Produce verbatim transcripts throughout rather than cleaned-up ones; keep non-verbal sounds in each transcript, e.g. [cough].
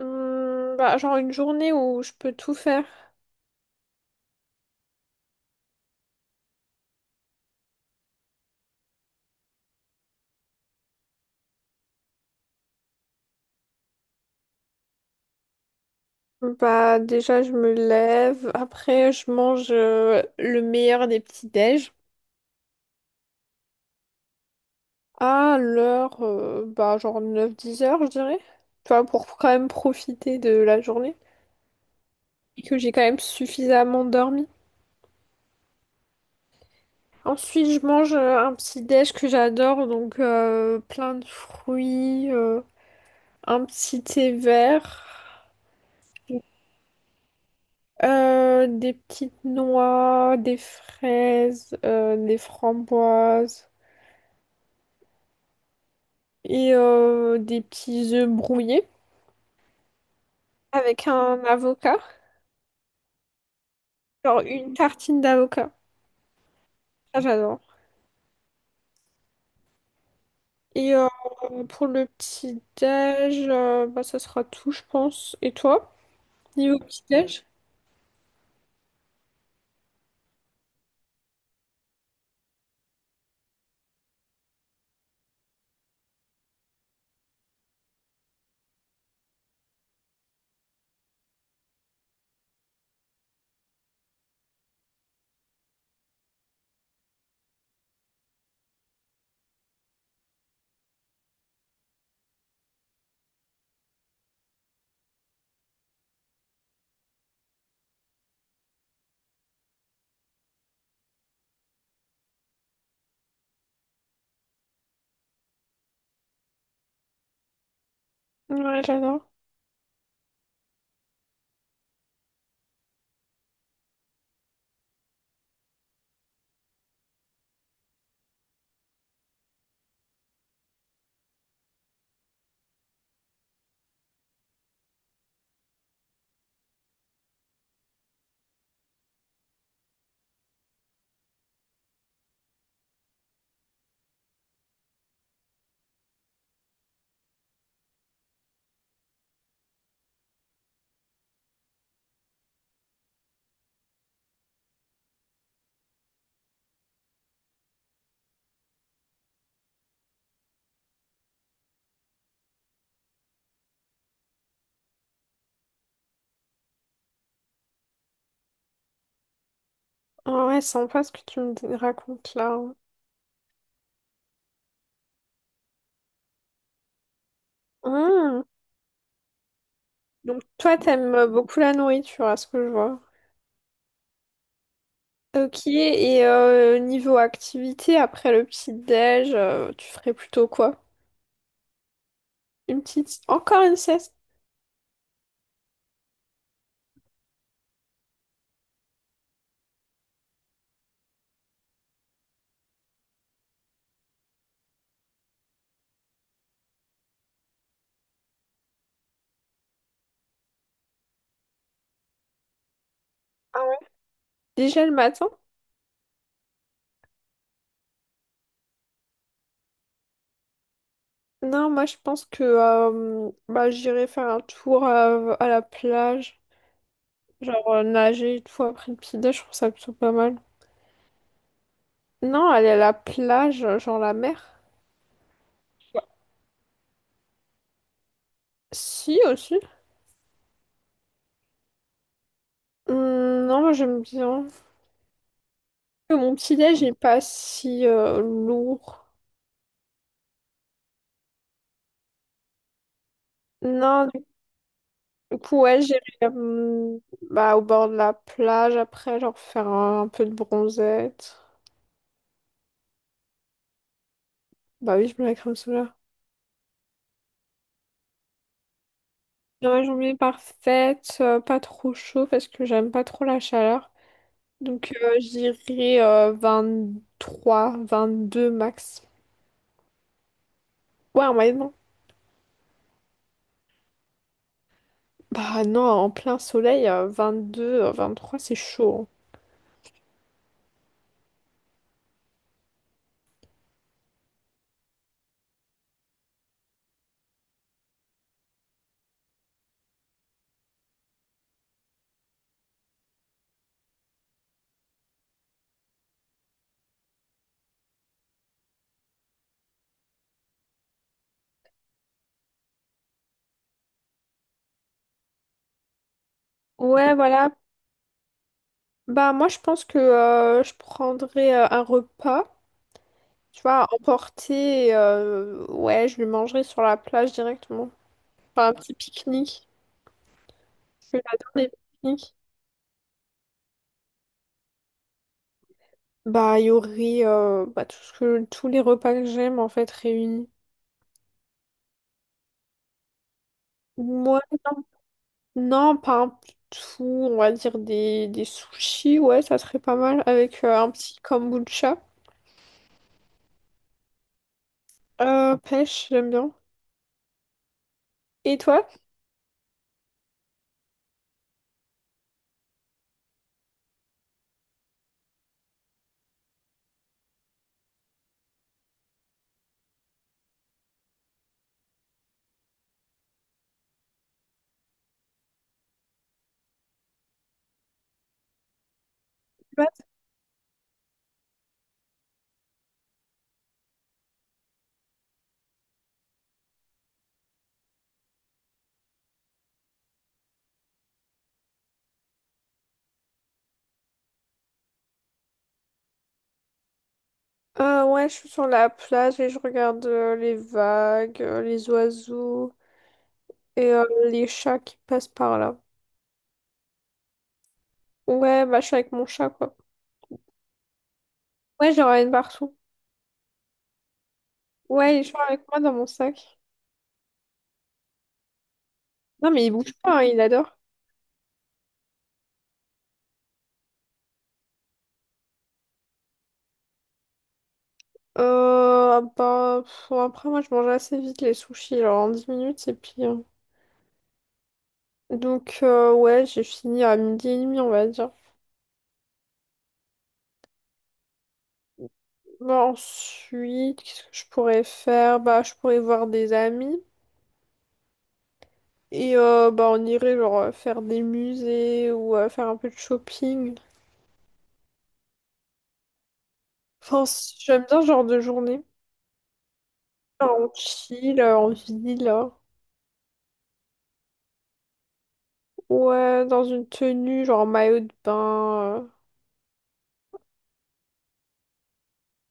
Hum, bah, genre une journée où je peux tout faire. Bah déjà je me lève, après je mange euh, le meilleur des petits déj à l'heure euh, bah genre neuf dix heures je dirais. Tu vois, pour quand même profiter de la journée et que j'ai quand même suffisamment dormi. Ensuite je mange euh, un petit déj que j'adore donc euh, plein de fruits, euh, un petit thé vert. Euh, des petites noix, des fraises, euh, des framboises et euh, des petits œufs brouillés avec un avocat. Genre une tartine d'avocat. Ça, j'adore. Et euh, pour le petit déj, euh, bah, ça sera tout, je pense. Et toi, niveau petit déj? Ouais, j'adore. Ah ouais, sympa ce que tu me racontes là. Hum. Donc toi, t'aimes beaucoup la nourriture, à ce que je vois. Ok, et euh, niveau activité, après le petit-déj, euh, tu ferais plutôt quoi? Une petite... Encore une sieste? Déjà le matin? Non, moi je pense que euh, bah, j'irai faire un tour à, à la plage, genre euh, nager et tout après le petit-déj, je trouve ça plutôt pas mal. Non, aller à la plage, euh, genre la mer. Si, aussi. Hum, non, moi j'aime bien. Mon petit-déj n'est pas si euh, lourd. Non, ouais, j'irai euh, bah, au bord de la plage après, genre faire un, un peu de bronzette. Bah oui, je mets la crème solaire. Dans la journée parfaite, euh, pas trop chaud parce que j'aime pas trop la chaleur. Donc euh, j'irai euh, vingt deux max. Ouais, en moyenne, non. Bah non, en plein soleil, euh, deux euh, trois c'est chaud. Hein. Ouais, [laughs] voilà. Bah moi, je pense que euh, je prendrai euh, un repas. Tu vois, emporter, euh, ouais, je le mangerais sur la plage directement. Enfin, un petit pique-nique. Je adore les pique-niques. Bah, il y aurait euh, bah, tout ce que, tous les repas que j'aime, en fait, réunis. Moi, non, non, pas un tout, on va dire des, des sushis, ouais, ça serait pas mal, avec euh, un petit kombucha. Euh, pêche, j'aime bien. Et toi? Ouais, Euh, ouais, je suis sur la plage et je regarde euh, les vagues, euh, les oiseaux et euh, les chats qui passent par là. Ouais, bah, je suis avec mon chat, quoi. Ouais, je le ramène partout. Ouais, il est toujours avec moi dans mon sac. Non, mais il bouge pas, hein, il adore. Euh, bah, pff, bon, après, moi, je mange assez vite les sushis, genre en dix minutes, et puis... euh, Donc, euh, ouais, j'ai fini à midi et demi, on va dire. Bah, ensuite, qu'est-ce que je pourrais faire? Bah, je pourrais voir des amis. Et euh, bah, on irait, genre, euh, faire des musées ou euh, faire un peu de shopping. Enfin, c- j'aime bien ce genre de journée. Genre, on chill, euh, en ville. Hein. Ouais, dans une tenue, genre maillot de bain. euh.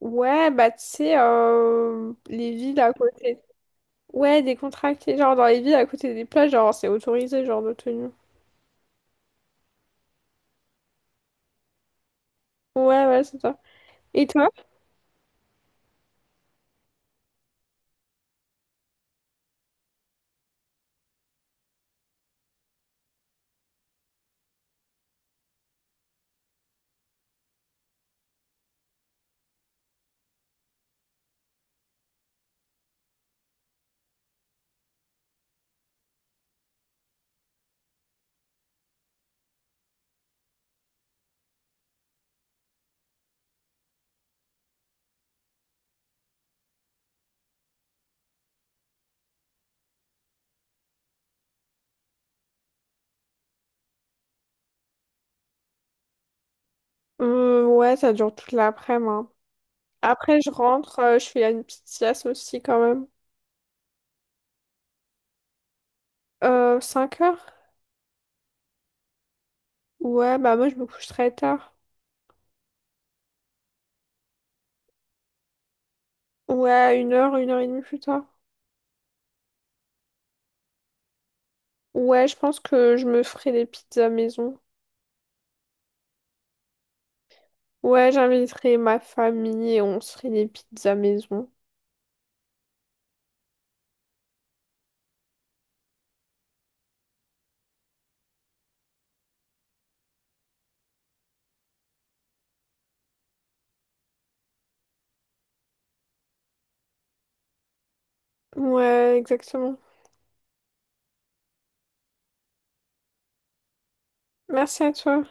Ouais, bah tu sais, euh, les villes à côté. Ouais, décontractées, genre dans les villes à côté des plages, genre c'est autorisé, genre de tenue. Ouais, ouais, c'est ça. Et toi? Euh, ouais, ça dure toute l'après-midi. Hein. Après, je rentre, euh, je fais une petite sieste aussi quand même. Euh, cinq heures? Ouais, bah moi je me couche très tard. Ouais, une heure, une heure et demie plus tard. Ouais, je pense que je me ferai des pizzas maison. Ouais, j'inviterai ma famille et on se ferait des pizzas maison. Ouais, exactement. Merci à toi.